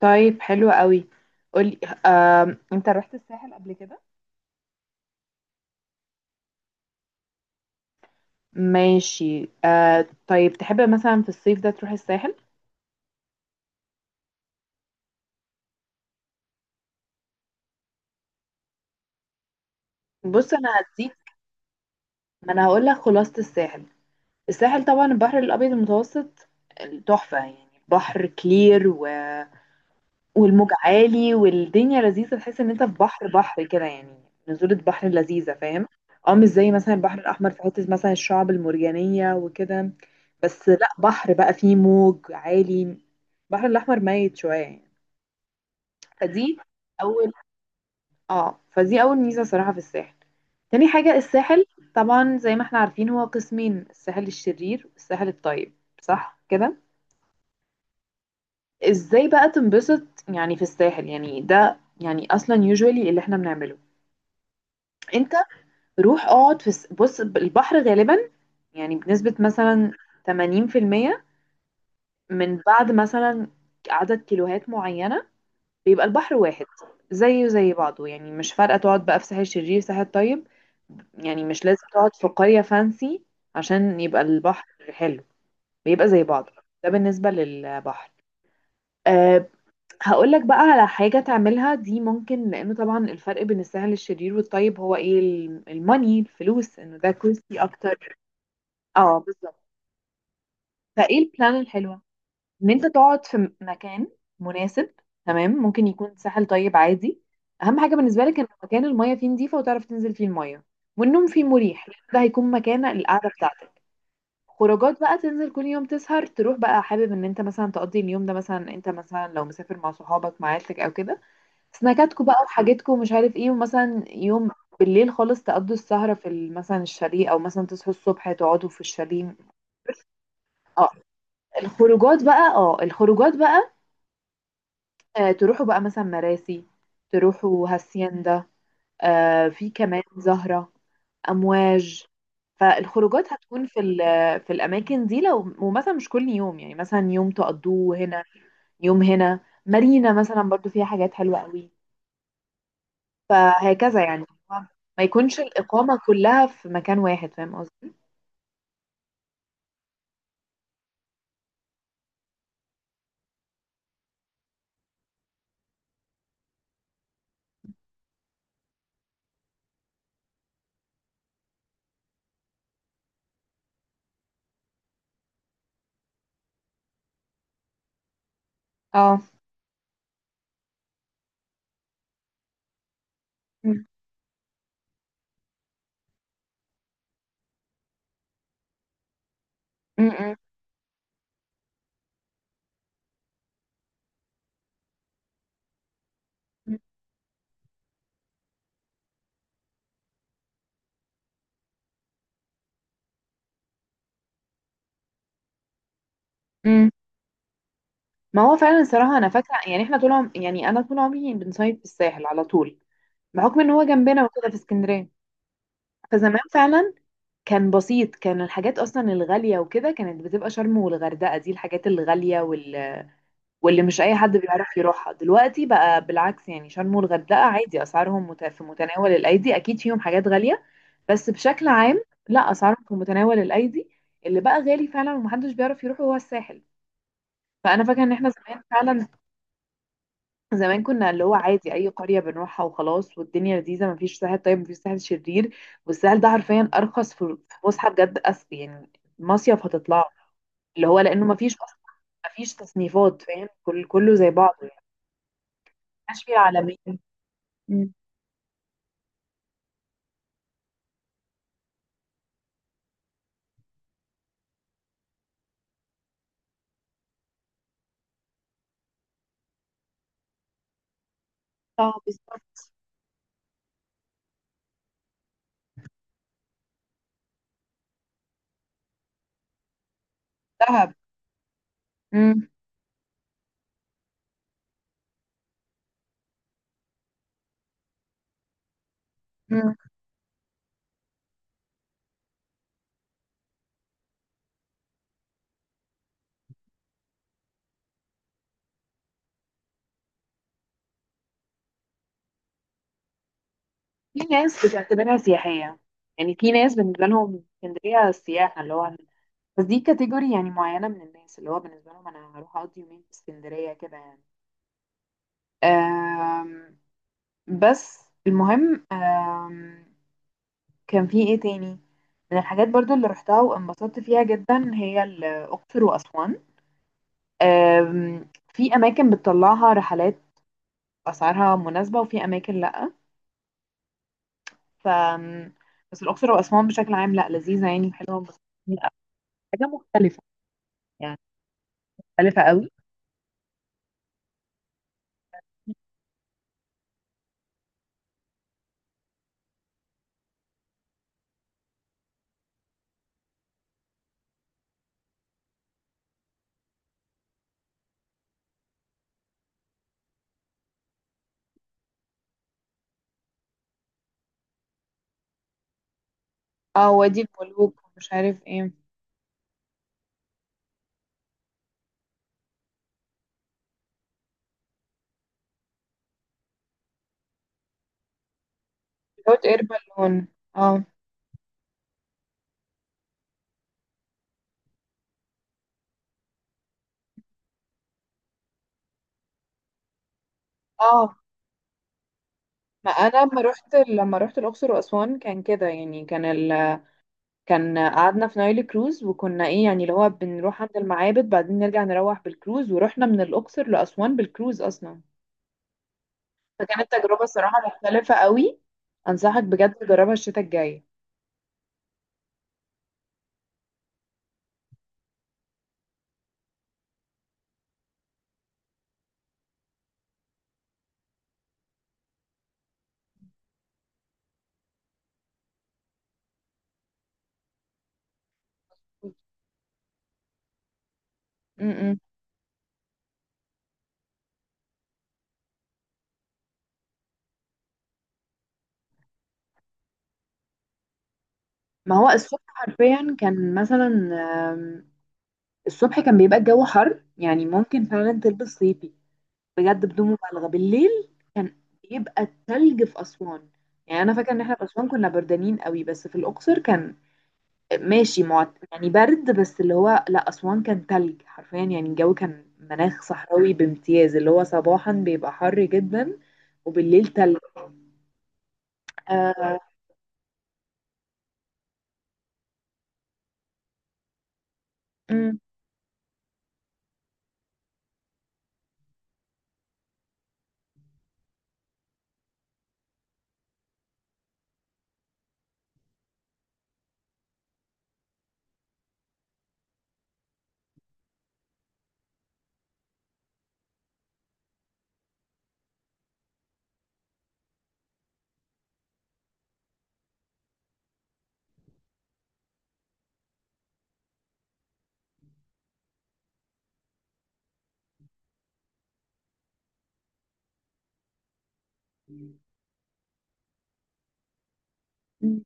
طيب، حلو قوي. قولي، انت رحت الساحل قبل كده؟ ماشي. طيب، تحب مثلا في الصيف ده تروح الساحل؟ بص، انا هديك. ما انا هقول لك خلاصة الساحل. الساحل طبعا البحر الابيض المتوسط تحفة، يعني بحر كلير. والموج عالي والدنيا لذيذة، تحس ان انت في بحر بحر كده يعني. نزولة بحر لذيذة، فاهم. اه، مش زي مثلا البحر الأحمر في حتة مثلا الشعب المرجانية وكده. بس لا، بحر بقى فيه موج عالي. البحر الأحمر ميت شوية يعني. فدي أول اه فدي أول ميزة صراحة في الساحل. تاني حاجة، الساحل طبعا زي ما احنا عارفين هو قسمين: الساحل الشرير والساحل الطيب. صح كده؟ ازاي بقى تنبسط يعني في الساحل، يعني ده يعني اصلا يوجوالي اللي احنا بنعمله. أنت روح اقعد بُص البحر غالبًا، يعني بنسبة مثلًا 80% من بعد مثلًا عدد كيلوهات معيّنة بيبقى البحر واحد، زيه زي بعضه، يعني مش فارقة تقعد بقى في ساحل شرير، ساحل طيب، يعني مش لازم تقعد في قرية fancy عشان يبقى البحر حلو، بيبقى زي بعضه، ده بالنسبة للبحر. آآ، هاقول لك بقى على حاجة تعملها دي، ممكن لإنه طبعًا الفرق بين الساحل الشرير والطيب هو إيه ال الmoney، الفلوس، إنه ده costly أكتر. اه، بالظبط. فايه البلان الحلوه ان انت تقعد في مكان مناسب. تمام، ممكن يكون ساحل طيب عادي. اهم حاجه بالنسبه لك ان مكان المايه فيه نظيفه وتعرف تنزل فيه المايه، والنوم فيه مريح لأن ده هيكون مكان القعده بتاعتك. خروجات بقى، تنزل كل يوم تسهر، تروح بقى حابب ان انت مثلا تقضي اليوم ده، مثلا انت مثلا لو مسافر مع صحابك مع عيلتك او كده. سناكاتكو بقى وحاجاتكو ومش عارف ايه، ومثلا يوم بالليل خالص تقضوا السهرة مثلا الشاليه، او مثلا تصحوا الصبح تقعدوا في الشاليه. آه، الخروجات بقى، تروحوا بقى مثلا مراسي، تروحوا هاسيندا. في كمان زهرة، امواج. فالخروجات هتكون في الاماكن دي، لو ومثلا مش كل يوم، يعني مثلا يوم تقضوه هنا، يوم هنا. مارينا مثلا برضو فيها حاجات حلوة قوي. فهكذا يعني، ما يكونش الإقامة كلها في مكان واحد، فاهم قصدي. اه، م- م- م- م- ما هو فعلا الصراحة، أنا فاكرة يعني إحنا يعني أنا طول عمري بنصيف في الساحل على طول، بحكم إن هو جنبنا وكده في اسكندرية. فزمان فعلا كان بسيط، كان الحاجات أصلا الغالية وكده كانت بتبقى شرم والغردقة، دي الحاجات الغالية واللي مش أي حد بيعرف يروحها. دلوقتي بقى بالعكس، يعني شرم والغردقة عادي أسعارهم في متناول الأيدي، أكيد فيهم حاجات غالية. بس بشكل عام، لا أسعارهم في متناول الأيدي. اللي بقى غالي فعلا ومحدش بيعرف يروح هو الساحل. فأنا فاكرة إن إحنا زمان فعلا، زمان كنا اللي هو عادي اي قريه بنروحها وخلاص والدنيا لذيذه، مفيش ساحل طيب مفيش ساحل شرير. والساحل ده حرفيا ارخص في فسحه، بجد يعني مصيف هتطلع اللي هو لانه مفيش اصلا، مفيش تصنيفات، فاهم؟ كله زي بعضه يعني. مفيش فيه عالمين. مم. اه، بالظبط. دهب. مم. مم. في ناس بتعتبرها سياحيه، يعني في ناس بالنسبه لهم اسكندريه سياحه اللي هو. بس دي كاتيجوري يعني معينه من الناس اللي هو بالنسبه لهم انا هروح اقضي يومين في اسكندريه كده يعني. آم، بس المهم، كان في ايه تاني من الحاجات برضو اللي رحتها وانبسطت فيها جدا؟ هي الأقصر وأسوان. آم، في أماكن بتطلعها رحلات أسعارها مناسبة وفي أماكن لأ ف بس الأقصر وأسوان بشكل عام، لأ لذيذة يعني، حلوة بس لا، حاجة مختلفة يعني، مختلفة قوي. اه، وادي الملوك ومش عارف ايه. بتقعد اير بالون. اه، اه، ما انا لما رحت الاقصر واسوان كان كده يعني، كان قعدنا في نايل كروز وكنا ايه يعني اللي هو بنروح عند المعابد بعدين نرجع نروح بالكروز، ورحنا من الأقصر لأسوان بالكروز أصلا. فكانت تجربة صراحة مختلفة قوي. أنصحك بجد تجربها الشتاء الجاي. م-م. ما هو الصبح حرفيا كان مثلا آم، الصبح كان بيبقى الجو حر يعني ممكن فعلا تلبس صيفي. بجد بدون مبالغة، بالليل كان بيبقى التلج في أسوان. يعني أنا فاكرة إن احنا في أسوان كنا بردانين قوي، بس في الأقصر كان ماشي يعني برد، بس اللي هو لا، أسوان كان تلج حرفيا يعني الجو كان مناخ صحراوي بامتياز، اللي هو صباحا بيبقى حر جدا وبالليل تلج. آه... مم. مم.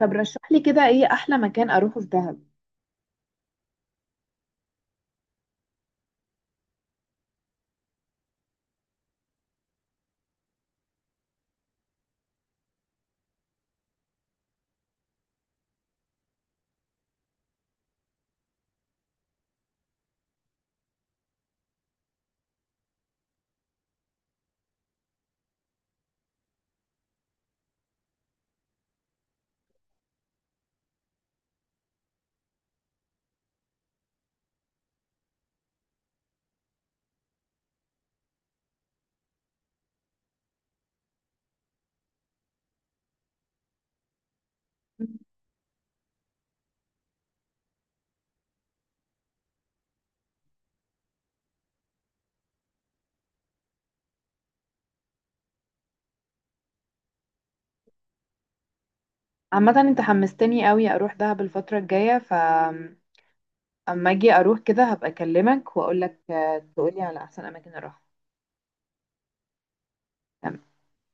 طب، رشح لي كده، ايه احلى مكان اروحه في دهب؟ مم. عامة انت حمستني قوي اروح دهب الفترة الجاية. اما اجي اروح كده هبقى اكلمك واقول لك تقولي على احسن اماكن اروح